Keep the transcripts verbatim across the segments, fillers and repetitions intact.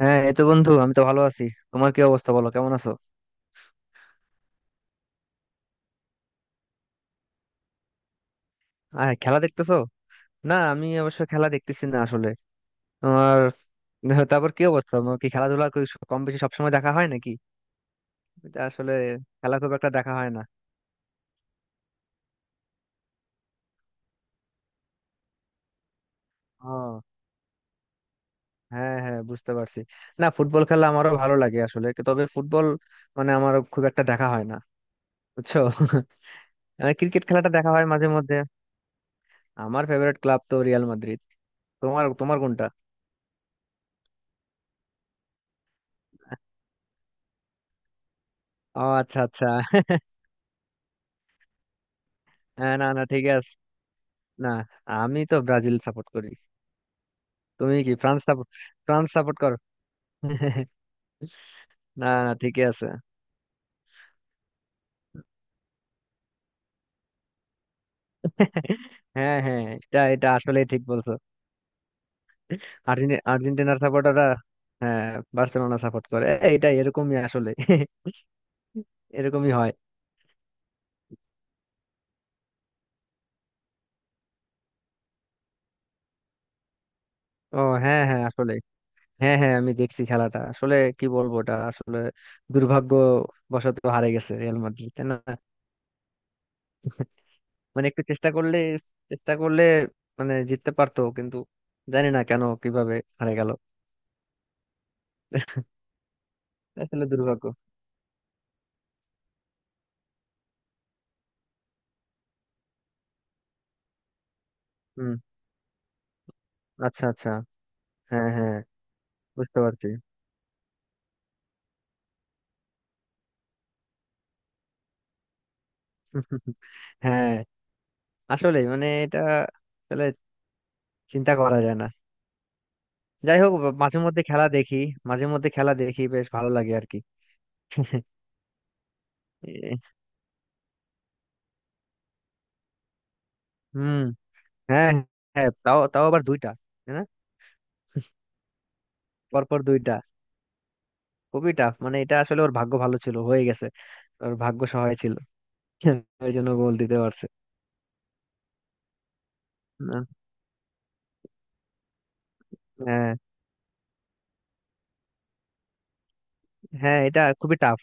হ্যাঁ, এই তো বন্ধু, আমি তো ভালো আছি। তোমার কি অবস্থা, বলো কেমন আছো? আহ খেলা দেখতেছো। না, আমি অবশ্য খেলা দেখতেছি না আসলে। তোমার? তারপর কি অবস্থা তোমার? কি খেলাধুলা কি স- কম বেশি সবসময় দেখা হয় নাকি? এটা আসলে খেলা খুব একটা দেখা হয় না। ও, হ্যাঁ হ্যাঁ, বুঝতে পারছি। না, ফুটবল খেলা আমারও ভালো লাগে আসলে কি- তবে ফুটবল মানে আমার খুব একটা দেখা হয় না, বুঝছো? আহ, ক্রিকেট খেলাটা দেখা হয় মাঝে মধ্যে। আমার ফেভারিট ক্লাব তো রিয়াল মাদ্রিদ। তোমার তোমার কোনটা? ও আচ্ছা আচ্ছা। হ্যাঁ, না না, ঠিক আছে। না, আমি তো ব্রাজিল সাপোর্ট করি। তুমি কি ফ্রান্স সাপোর্ট, ফ্রান্স সাপোর্ট করো? না না, ঠিকই আছে। হ্যাঁ হ্যাঁ, এটা এটা আসলে ঠিক বলছো। আর্জেন্টি- আর্জেন্টিনার সাপোর্টাররা, হ্যাঁ, বার্সেলোনা সাপোর্ট করে। এ, এটা এরকমই আসলে। এরকমই হয়। ও হ্যাঁ হ্যাঁ আসলে, হ্যাঁ হ্যাঁ, আমি দেখছি খেলাটা। আসলে কি বলবো, ওটা আসলে দুর্ভাগ্য বশত হারে গেছে রিয়াল মাদ্রিদ, তাই না? মানে একটু চেষ্টা করলে চেষ্টা করলে মানে জিততে পারতো, কিন্তু জানি না কেন কিভাবে হারে গেল। আসলে দুর্ভাগ্য। হুম। আচ্ছা আচ্ছা। হ্যাঁ হ্যাঁ, বুঝতে পারছি। হ্যাঁ, আসলে মানে এটা আসলে চিন্তা করা যায় না। যাই হোক, মাঝে মধ্যে খেলা দেখি মাঝে মধ্যে খেলা দেখি, বেশ ভালো লাগে আর কি। এ, হুম, হ্যাঁ, হ্যাঁ তাও, তাও আবার দুইটা হ্যাঁ, পর পর দুইটা, খুবই টাফ। মানে এটা আসলে ওর ভাগ্য ভালো ছিল, হয়ে গেছে, ওর ভাগ্য সহায় ছিল। ওই জন্য গোল দিতে পারছে। না, হ্যাঁ হ্যাঁ, এটা খুবই টাফ।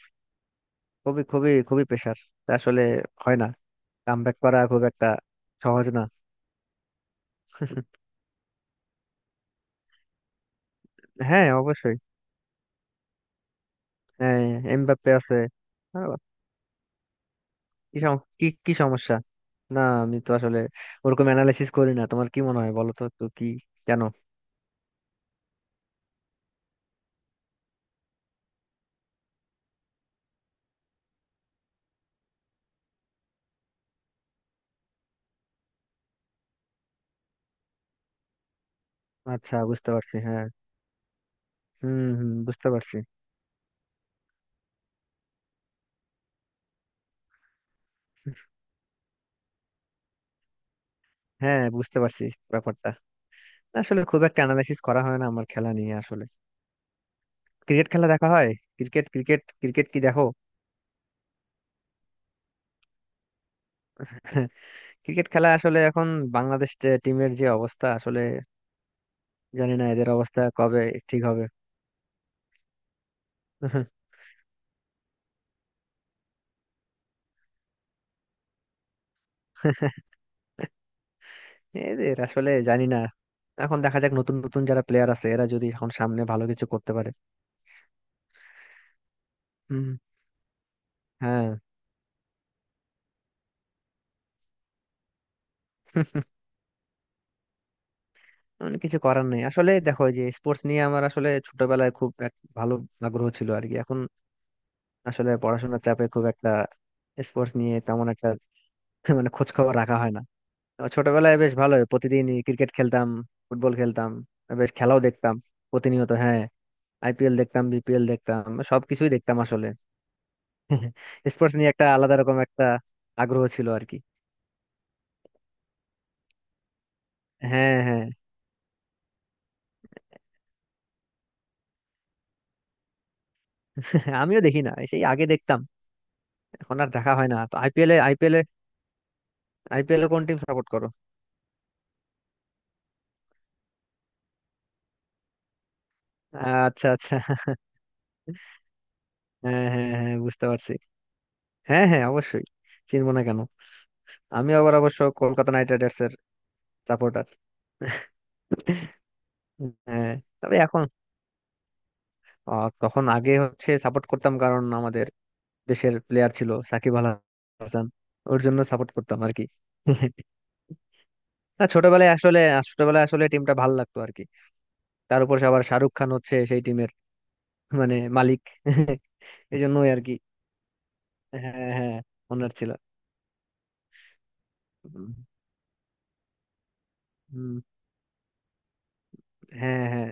খুবই খুবই খুবই প্রেশার আসলে, হয় না, কাম ব্যাক করা খুব একটা সহজ না। হ্যাঁ অবশ্যই। হ্যাঁ এমবাপ্পে আছে আরো। কি সম- কি কি সমস্যা? না, আমি তো আসলে ওরকম অ্যানালাইসিস করি না। তোমার কি মনে হয় বলো তো, তো কি? কেন? আচ্ছা, বুঝতে পারছি। হ্যাঁ, হুম হুম, বুঝতে পারছি। হ্যাঁ, বুঝতে পারছি ব্যাপারটা। আসলে খুব একটা অ্যানালাইসিস করা হয় না আমার খেলা নিয়ে আসলে। ক্রিকেট খেলা দেখা হয়। ক্রিকেট ক্রিকেট ক্রিকেট কি দেখো? ক্রিকেট খেলা আসলে এখন বাংলাদেশ টিমের যে অবস্থা, আসলে জানি না এদের অবস্থা কবে ঠিক হবে। এদের আসলে জানি না। এখন দেখা যাক, নতুন নতুন যারা প্লেয়ার আছে, এরা যদি এখন সামনে ভালো কিছু করতে পারে। হুম, হ্যাঁ। মানে কিছু করার নেই আসলে। দেখো এই যে স্পোর্টস নিয়ে আমার আসলে ছোটবেলায় খুব এক ভালো আগ্রহ ছিল আর কি। এখন আসলে পড়াশোনার চাপে খুব একটা স্পোর্টস নিয়ে তেমন একটা মানে খোঁজ খবর রাখা হয় না। তো ছোটবেলায় বেশ ভালো, প্রতিদিন ক্রিকেট খেলতাম, ফুটবল খেলতাম, বেশ খেলাও দেখতাম, প্রতিনিয়ত। হ্যাঁ, আইপিএল দেখতাম, বিপিএল দেখতাম, সবকিছুই দেখতাম আসলে। স্পোর্টস নিয়ে একটা আলাদা রকম একটা আগ্রহ ছিল আর কি। হ্যাঁ হ্যাঁ। আমিও দেখি না, সেই আগে দেখতাম, এখন আর দেখা হয় না। তো আইপিএল এ আইপিএল এ আইপিএল এ কোন টিম সাপোর্ট করো? আচ্ছা আচ্ছা। হ্যাঁ হ্যাঁ হ্যাঁ, বুঝতে পারছি। হ্যাঁ হ্যাঁ অবশ্যই, চিনবো না কেন? আমি আবার অবশ্য কলকাতা নাইট রাইডার্স এর সাপোর্টার। হ্যাঁ, তবে এখন আহ, তখন আগে হচ্ছে সাপোর্ট করতাম কারণ আমাদের দেশের প্লেয়ার ছিল সাকিব আল হাসান, ওর জন্য সাপোর্ট করতাম আর কি। না, ছোটবেলায় আসলে, ছোটবেলায় আসলে টিমটা ভালো লাগতো আর কি। তার উপর আবার শাহরুখ খান হচ্ছে সেই টিমের মানে মালিক। এই জন্যই আর কি। হ্যাঁ হ্যাঁ, ওনার ছিল। উম, উম, হ্যাঁ হ্যাঁ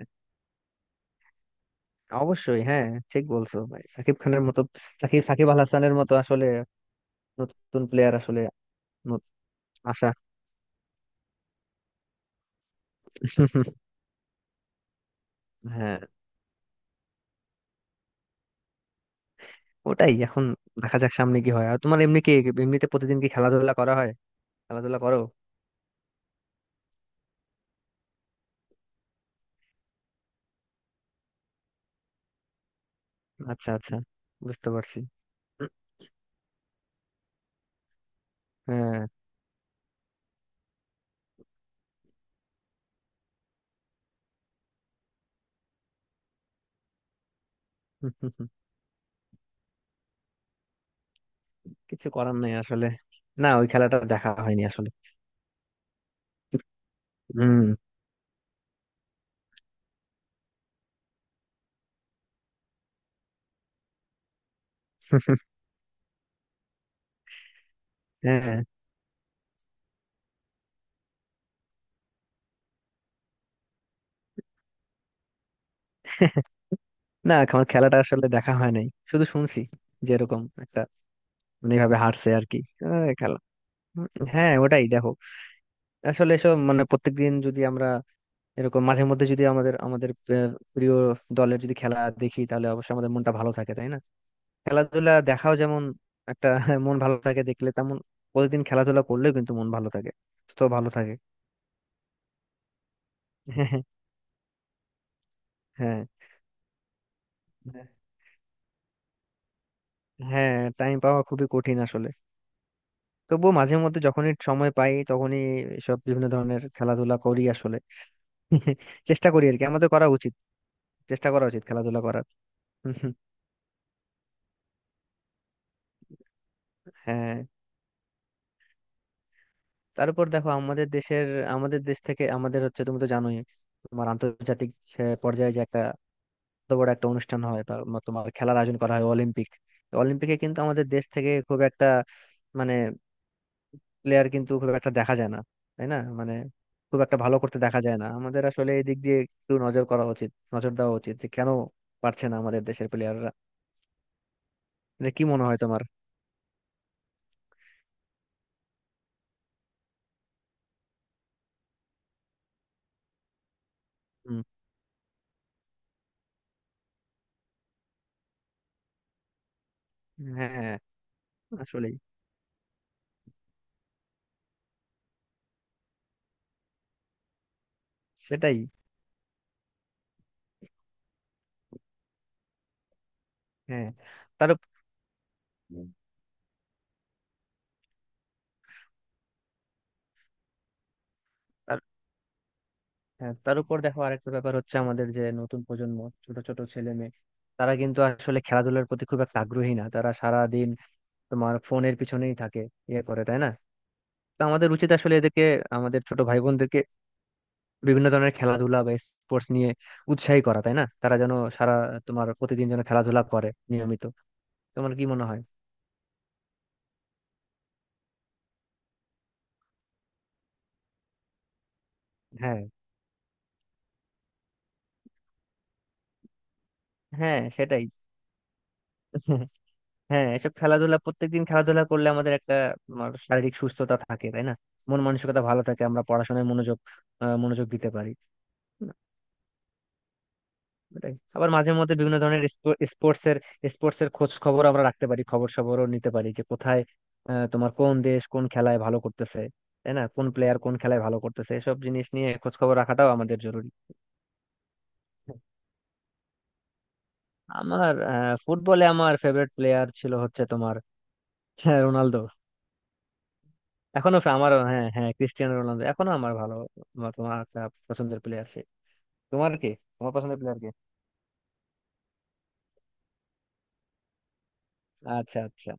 অবশ্যই। হ্যাঁ, ঠিক বলছো ভাই। সাকিব খানের মতো, সাকিব সাকিব আল হাসানের মতো আসলে নতুন প্লেয়ার আসলে নত- আসা হ্যাঁ, ওটাই এখন। দেখা যাক সামনে কি হয়। আর তোমার এমনি কি, এমনিতে প্রতিদিন কি খেলাধুলা করা হয়, খেলাধুলা করো? আচ্ছা আচ্ছা, বুঝতে পারছি। হ্যাঁ, কিছু করার নাই আসলে। না, ওই খেলাটা দেখা হয়নি আসলে। হম, হ্যাঁ। না, আমার খেলাটা আসলে দেখা হয় নাই, শুধু শুনছি যে এরকম একটা মানে এইভাবে হারছে আর কি। আহ, খেলা, উম, হ্যাঁ ওটাই দেখো, আসলে এসব মানে প্রত্যেকদিন যদি আমরা এরকম মাঝে মধ্যে যদি আমাদের আমাদের আহ, প্রিয় দলের যদি খেলা দেখি তাহলে অবশ্যই আমাদের মনটা ভালো থাকে, তাই না? খেলাধুলা দেখাও যেমন একটা মন ভালো থাকে দেখলে, তেমন প্রতিদিন খেলাধুলা করলেও কিন্তু মন ভালো থাকে, তো ভালো থাকে। হ্যাঁ হ্যাঁ, টাইম পাওয়া খুবই কঠিন আসলে। তবুও মাঝে মধ্যে যখনই সময় পাই তখনই সব বিভিন্ন ধরনের খেলাধুলা করি আসলে। চেষ্টা করি আর কি, আমাদের করা উচিত, চেষ্টা করা উচিত খেলাধুলা করার। হ্যাঁ, তারপর দেখো আমাদের দেশের, আমাদের দেশ থেকে আমাদের হচ্ছে, তুমি তো জানোই, তোমার আন্তর্জাতিক আহ, পর্যায়ে যে একটা এত বড় একটা অনুষ্ঠান হয়, তার তোমার খেলার আয়োজন করা হয়, অলিম্পিক। তো অলিম্পিকে কিন্তু আমাদের দেশ থেকে খুব একটা মানে প্লেয়ার কিন্তু খুব একটা দেখা যায় না, তাই না? মানে খুব একটা ভালো করতে দেখা যায় না আমাদের। আসলে এই দিক দিয়ে একটু নজর করা উচিত, নজর দেওয়া উচিত যে কেন পারছে না আমাদের দেশের প্লেয়াররা। এটা কি মনে হয় তোমার? হুম, হ্যাঁ হ্যাঁ, আসলেই, সেটাই। হ্যাঁ তার উপ- তার হ্যাঁ, তার উপর দেখো আরেকটা ব্যাপার হচ্ছে, আমাদের যে নতুন প্রজন্ম, ছোট ছোট ছেলে মেয়ে, তারা কিন্তু আসলে খেলাধুলার প্রতি খুব একটা আগ্রহী না। তারা সারা দিন তোমার ফোনের পিছনেই থাকে, ইয়ে করে, তাই না? তো আমাদের উচিত আসলে এদেরকে, আমাদের ছোট ভাই, বিভিন্ন ধরনের খেলাধুলা বা স্পোর্টস নিয়ে উৎসাহী করা, তাই না? তারা যেন সারা তোমার প্রতিদিন যেন খেলাধুলা করে নিয়মিত। তোমার কি মনে হয়? হ্যাঁ হ্যাঁ সেটাই। হ্যাঁ এসব খেলাধুলা, প্রত্যেকদিন খেলাধুলা করলে আমাদের একটা তোমার শারীরিক সুস্থতা থাকে, তাই না? মন মানসিকতা ভালো থাকে, আমরা পড়াশোনায় মনোযোগ আহ, মনোযোগ দিতে পারি। ওটাই আবার মাঝে মধ্যে বিভিন্ন ধরনের স্পোর্টস এর স্পোর্টস এর খোঁজ খবর আমরা রাখতে পারি, খবর সবরও নিতে পারি যে কোথায় আহ, তোমার কোন দেশ কোন খেলায় ভালো করতেছে, তাই না? কোন প্লেয়ার কোন খেলায় ভালো করতেছে, এসব জিনিস নিয়ে খোঁজ খবর রাখাটাও আমাদের জরুরি। আমার আহ, ফুটবলে আমার ফেভারিট প্লেয়ার ছিল হচ্ছে তোমার হ্যাঁ, রোনালদো। এখনো ফে- আমার হ্যাঁ হ্যাঁ, ক্রিস্টিয়ানো রোনালদো এখনো আমার ভালো, আমার- তোমার একটা পছন্দের প্লেয়ার সে। তোমার কি, তোমার পছন্দের প্লেয়ার কে? আচ্ছা আচ্ছা,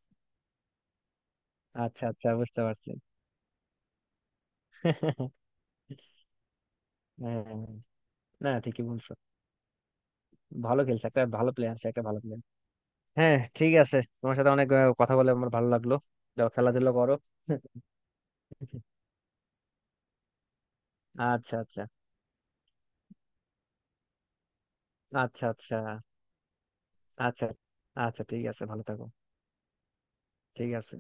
আচ্ছা আচ্ছা, বুঝতে পারছি। হ্যাঁ হ্যাঁ। না, ঠিকই বলছো, ভালো খেলছে, একটা ভালো প্লেয়ার সে, একটা ভালো প্লেয়ার। হ্যাঁ ঠিক আছে, তোমার সাথে অনেক আহ, কথা বলে আমার ভালো লাগলো। যাও খেলাধুলা করো। আচ্ছা আচ্ছা, আচ্ছা আচ্ছা, আচ্ছা আচ্ছা, ঠিক আছে, ভালো থাকো। ঠিক আছে।